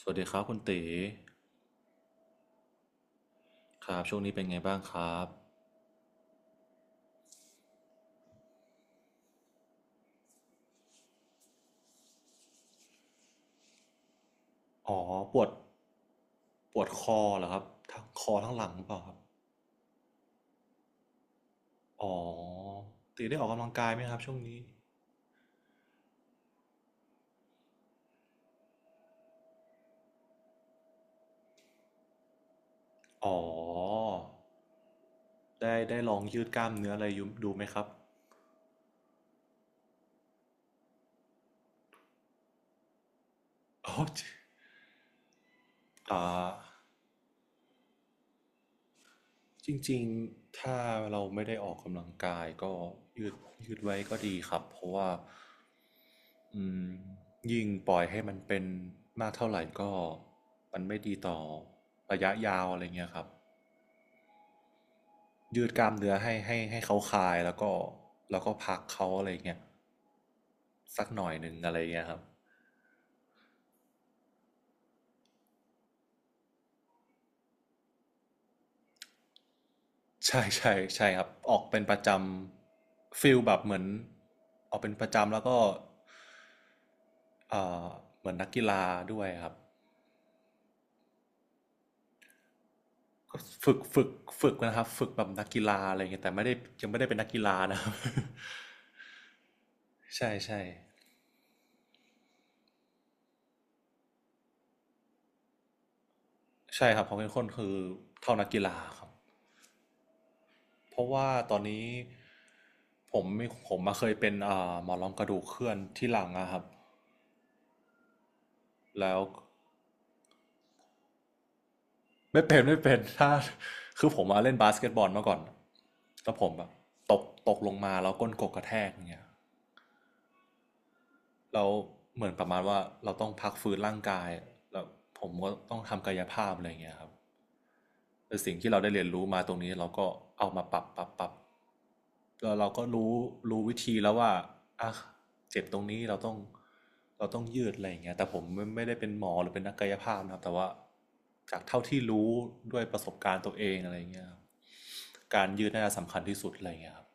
สวัสดีครับคุณตีครับช่วงนี้เป็นไงบ้างครับ อ๋อปวดปวดคอเหรอครับทั้งคอทั้งหลังหรือเปล่าครับอ๋อตีได้ออกกำลังกายไหมครับช่วงนี้ อ๋อได้ลองยืดกล้ามเนื้ออะไรอยู่ดูไหมครับ อ๋ อจริงอ่าจริงๆถ้าเราไม่ได้ออกกำลังกายก็ยืดยืดไว้ก็ดีครับเพราะว่าอืมยิ่งปล่อยให้มันเป็นมากเท่าไหร่ก็มันไม่ดีต่อระยะยาวอะไรเงี้ยครับ ยืดกล้ามเนื้อให้เขาคลายแล้วก็แล้วก็พักเขาอะไรเงี้ยสักหน่อยหนึ่งอะไรเงี้ยครับใช่ใช่ใช่ครับออกเป็นประจำฟิลแบบเหมือนออกเป็นประจำแล้วก็เอ่อเหมือนนักกีฬาด้วยครับก็ฝึกฝึกฝึกนะครับฝึกแบบนักกีฬาอะไรเงี้ยแต่ไม่ได้ยังไม่ได้เป็นนักกีฬานะครับ ใช่ใช่ใช่ครับผมเป็นคนคือเท่านักกีฬาครับเพราะว่าตอนนี้ผมมีผมมาเคยเป็นเอ่าหมอนรองกระดูกเคลื่อนที่หลังอะครับ แล้วไม่เป็นไม่เป็นถ้าคือผมมาเล่นบาสเกตบอลมาก่อนแล้วผมแบบตกตกลงมาแล้วก้นกกกระแทกอย่างเงี้ยแล้วเหมือนประมาณว่าเราต้องพักฟื้นร่างกายแล้วผมก็ต้องทำกายภาพอะไรอย่างเงี้ยครับแต่สิ่งที่เราได้เรียนรู้มาตรงนี้เราก็เอามาปรับแล้วเราก็รู้วิธีแล้วว่าอ่ะเจ็บตรงนี้เราต้องยืดอะไรอย่างเงี้ยแต่ผมไม่ได้เป็นหมอหรือเป็นนักกายภาพนะครับแต่ว่าจากเท่าที่รู้ด้วยประสบการณ์ตัวเองอะไรอย่างเงี้ย การยืดน่าจะสำคัญที่สุดอะไรอย่างเงี้ยครับ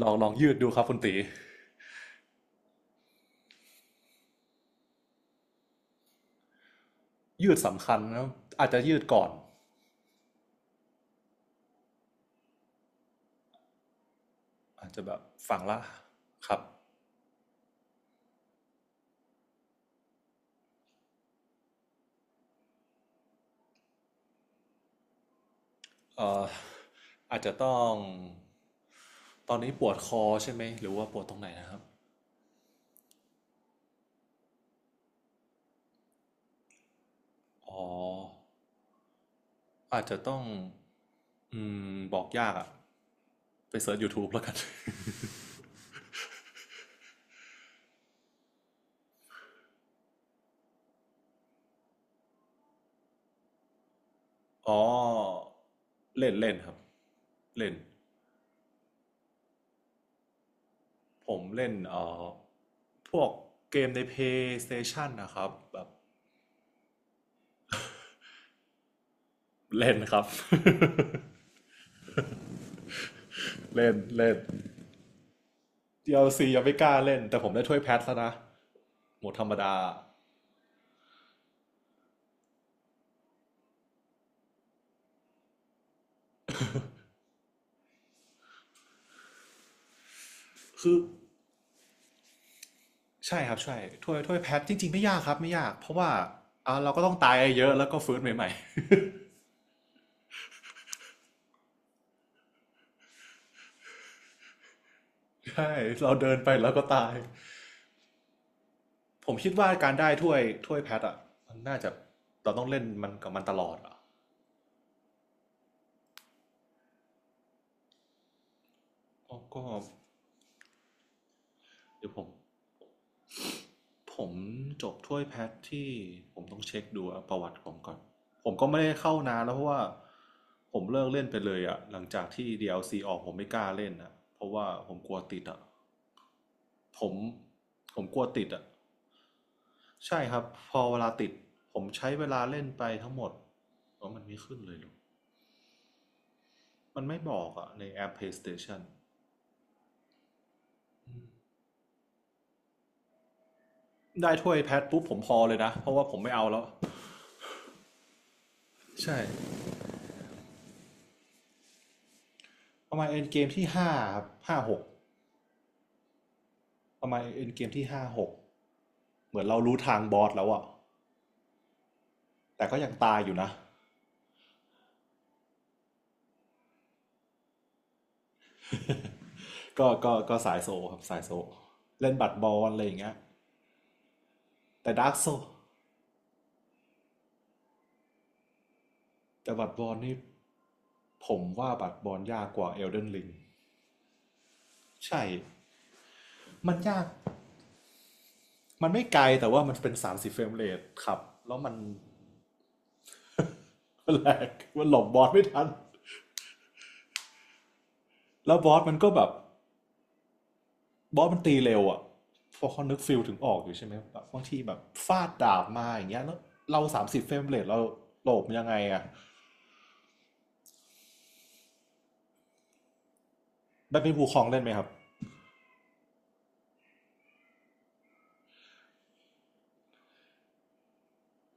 ลองยืดดูครับคุณตียืดสำคัญนะอาจจะยืดก่อนอาจจะแบบฝั่งละครับเอ่ออาจจะต้องตอนนี้ปวดคอใช่ไหมหรือว่าปวดตรงไหนนะครับอ๋ออาจจะต้องอืบอกยากอะไปเสิร์ช YouTube แล้วกัน อ๋อเล่นเล่นครับเล่นผมเล่นพวกเกมในเพ a y s t a t i o นนะครับแบบเล่นครับ เล่นเล่น d l ียังไม่กล้าเล่นแต่ผมได้ถ้วยแพทแล้วนะหมดธรรมดาคือใช่ครับใช่ถ้วยแพทจริงๆไม่ยากครับไม่ยากเพราะว่าอ่าเราก็ต้องตายเยอะแล้วก็ฟื้นใหม่ๆใช่เราเดินไปแล้วก็ตายผมคิดว่าการได้ถ้วยแพทอ่ะมันน่าจะเราต้องเล่นมันกับมันตลอดอ่ะก็เดี๋ยวผมจบถ้วยแพทที่ผมต้องเช็คดูอะประวัติผมก่อนผมก็ไม่ได้เข้านานแล้วเพราะว่าผมเลิกเล่นไปเลยอะหลังจากที่ DLC อลซีออกผมไม่กล้าเล่นอะเพราะว่าผมกลัวติดอะผมผมกลัวติดอะใช่ครับพอเวลาติดผมใช้เวลาเล่นไปทั้งหมดว่ามันไม่ขึ้นเลยหรอมันไม่บอกอะในแอป PlayStation ได้ถ้วยแพทปุ๊บผมพอเลยนะเพราะว่าผมไม่เอาแล้วใช่ประมาณเอ็นเกมที่ห้าครับห้าหกประมาณเอ็นเกมที่ห้าหก เหมือนเรารู้ทางบอสแล้วอะแต่ก็ยังตายอยู่นะก็สายโซครับสายโซเล่นบัตรบอลอะไรอย่างเงี้ยแต่ดาร์กโซแต่บัตรบอลนี่ผมว่าบัตรบอลยากกว่าเอลเดนลิงใช่มันยากมันไม่ไกลแต่ว่ามันเป็น30เฟรมเรทครับแล้วมันแหลกมันหลบบอสไม่ทันแล้วบอสมันก็แบบบอสมันตีเร็วอะพอเขานึกฟิลถึงออกอยู่ใช่ไหมแบบบางทีแบบฟาดดาบมาอย่างเงี้ยแล้วเราสามสิบเฟรมเรทเราหลบยังไงอะ แบดมินภูคลองเล่นไหมครับ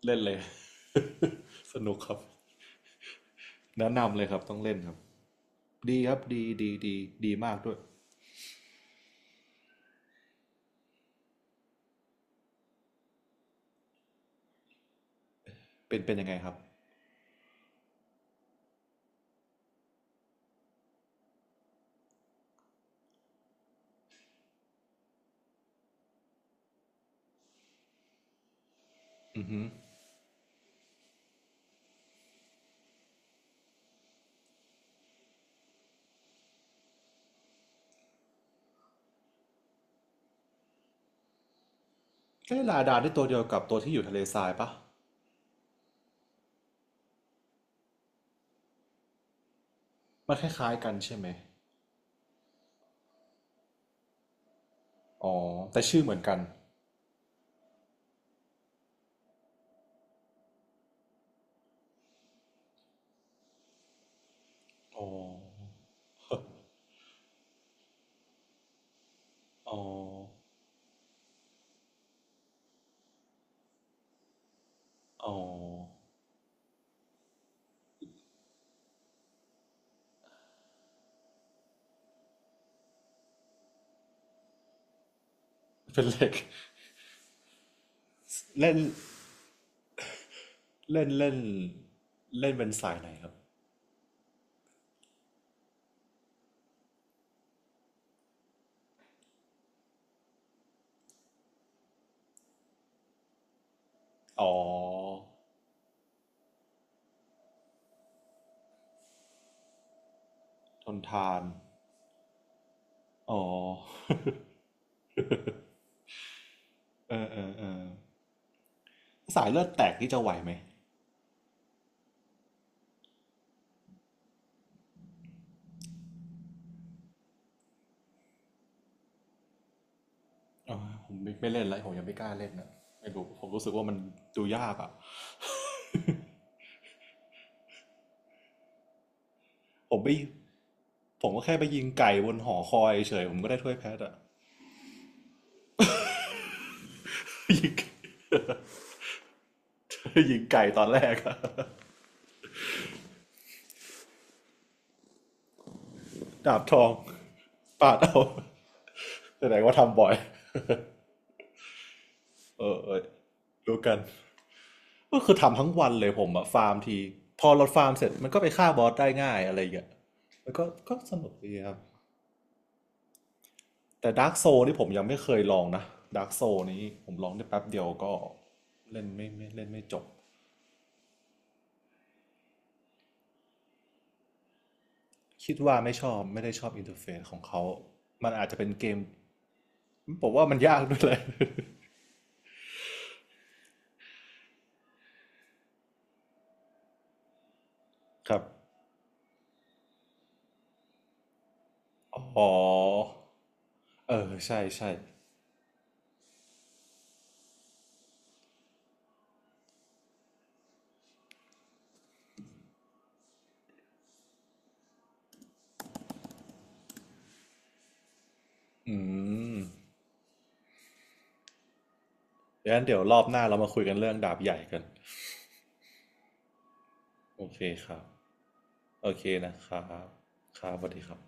เล่นเลย สนุกครับแนะนำเลยครับต้องเล่นครับดีครับดีดีมากด้วยเป็นเป็นยังไงครับอือฮึใกล้ลาดาที่ตัวเดียวกับตัวที่อยู่ทะเลทรายปะมันคล้ายๆกันใช่ไหมอ๋อแต่ชื่อเหมือนกันอ๋ออ๋ออ๋อเป็นเหล็กเล่นเล่นเล่นเป็นสายไหนครับอ๋อทนทานอ๋อ เออเออเออสายเลือดแตกนี่จะไหวไหม อ๋อผมไม่เล่นแล้วผมยังไม่กล้าเล่นนะไม่รู้ผมรู้สึกว่ามันดูยากอ่ะผมไปผมก็แค่ไปยิงไก่บนหอคอยเฉยผมก็ได้ถ้วยแพทอ่ะ ยิงยิงไก่ตอนแรกอะ ดาบทองปาดเอา แสดงว่าทำบ่อยเออเออรู้กันก็คือทำทั้งวันเลยผมอะฟาร์มทีพอเราฟาร์มเสร็จมันก็ไปฆ่าบอสได้ง่ายอะไรอย่างเงี้ยแล้วก็ก็สนุกดีครับ แต่ดาร์กโซนี่ผมยังไม่เคยลองนะดาร์กโซนี้ผมลองได้แป๊บเดียวก็เล่นไม่ไม่เล่นไม่จบคิดว่าไม่ชอบไม่ได้ชอบอินเทอร์เฟซของเขามันอาจจะเป็นเกมผมว่ามันยากด้วยเลย ครับอ๋อเออใช่ใช่อืมงั้นเดี๋ยวรอบหน้าเรามาคุยกันเรื่องดาบใหญ่กันโอเคครับโอเคนะครับครับสวัสดีครับ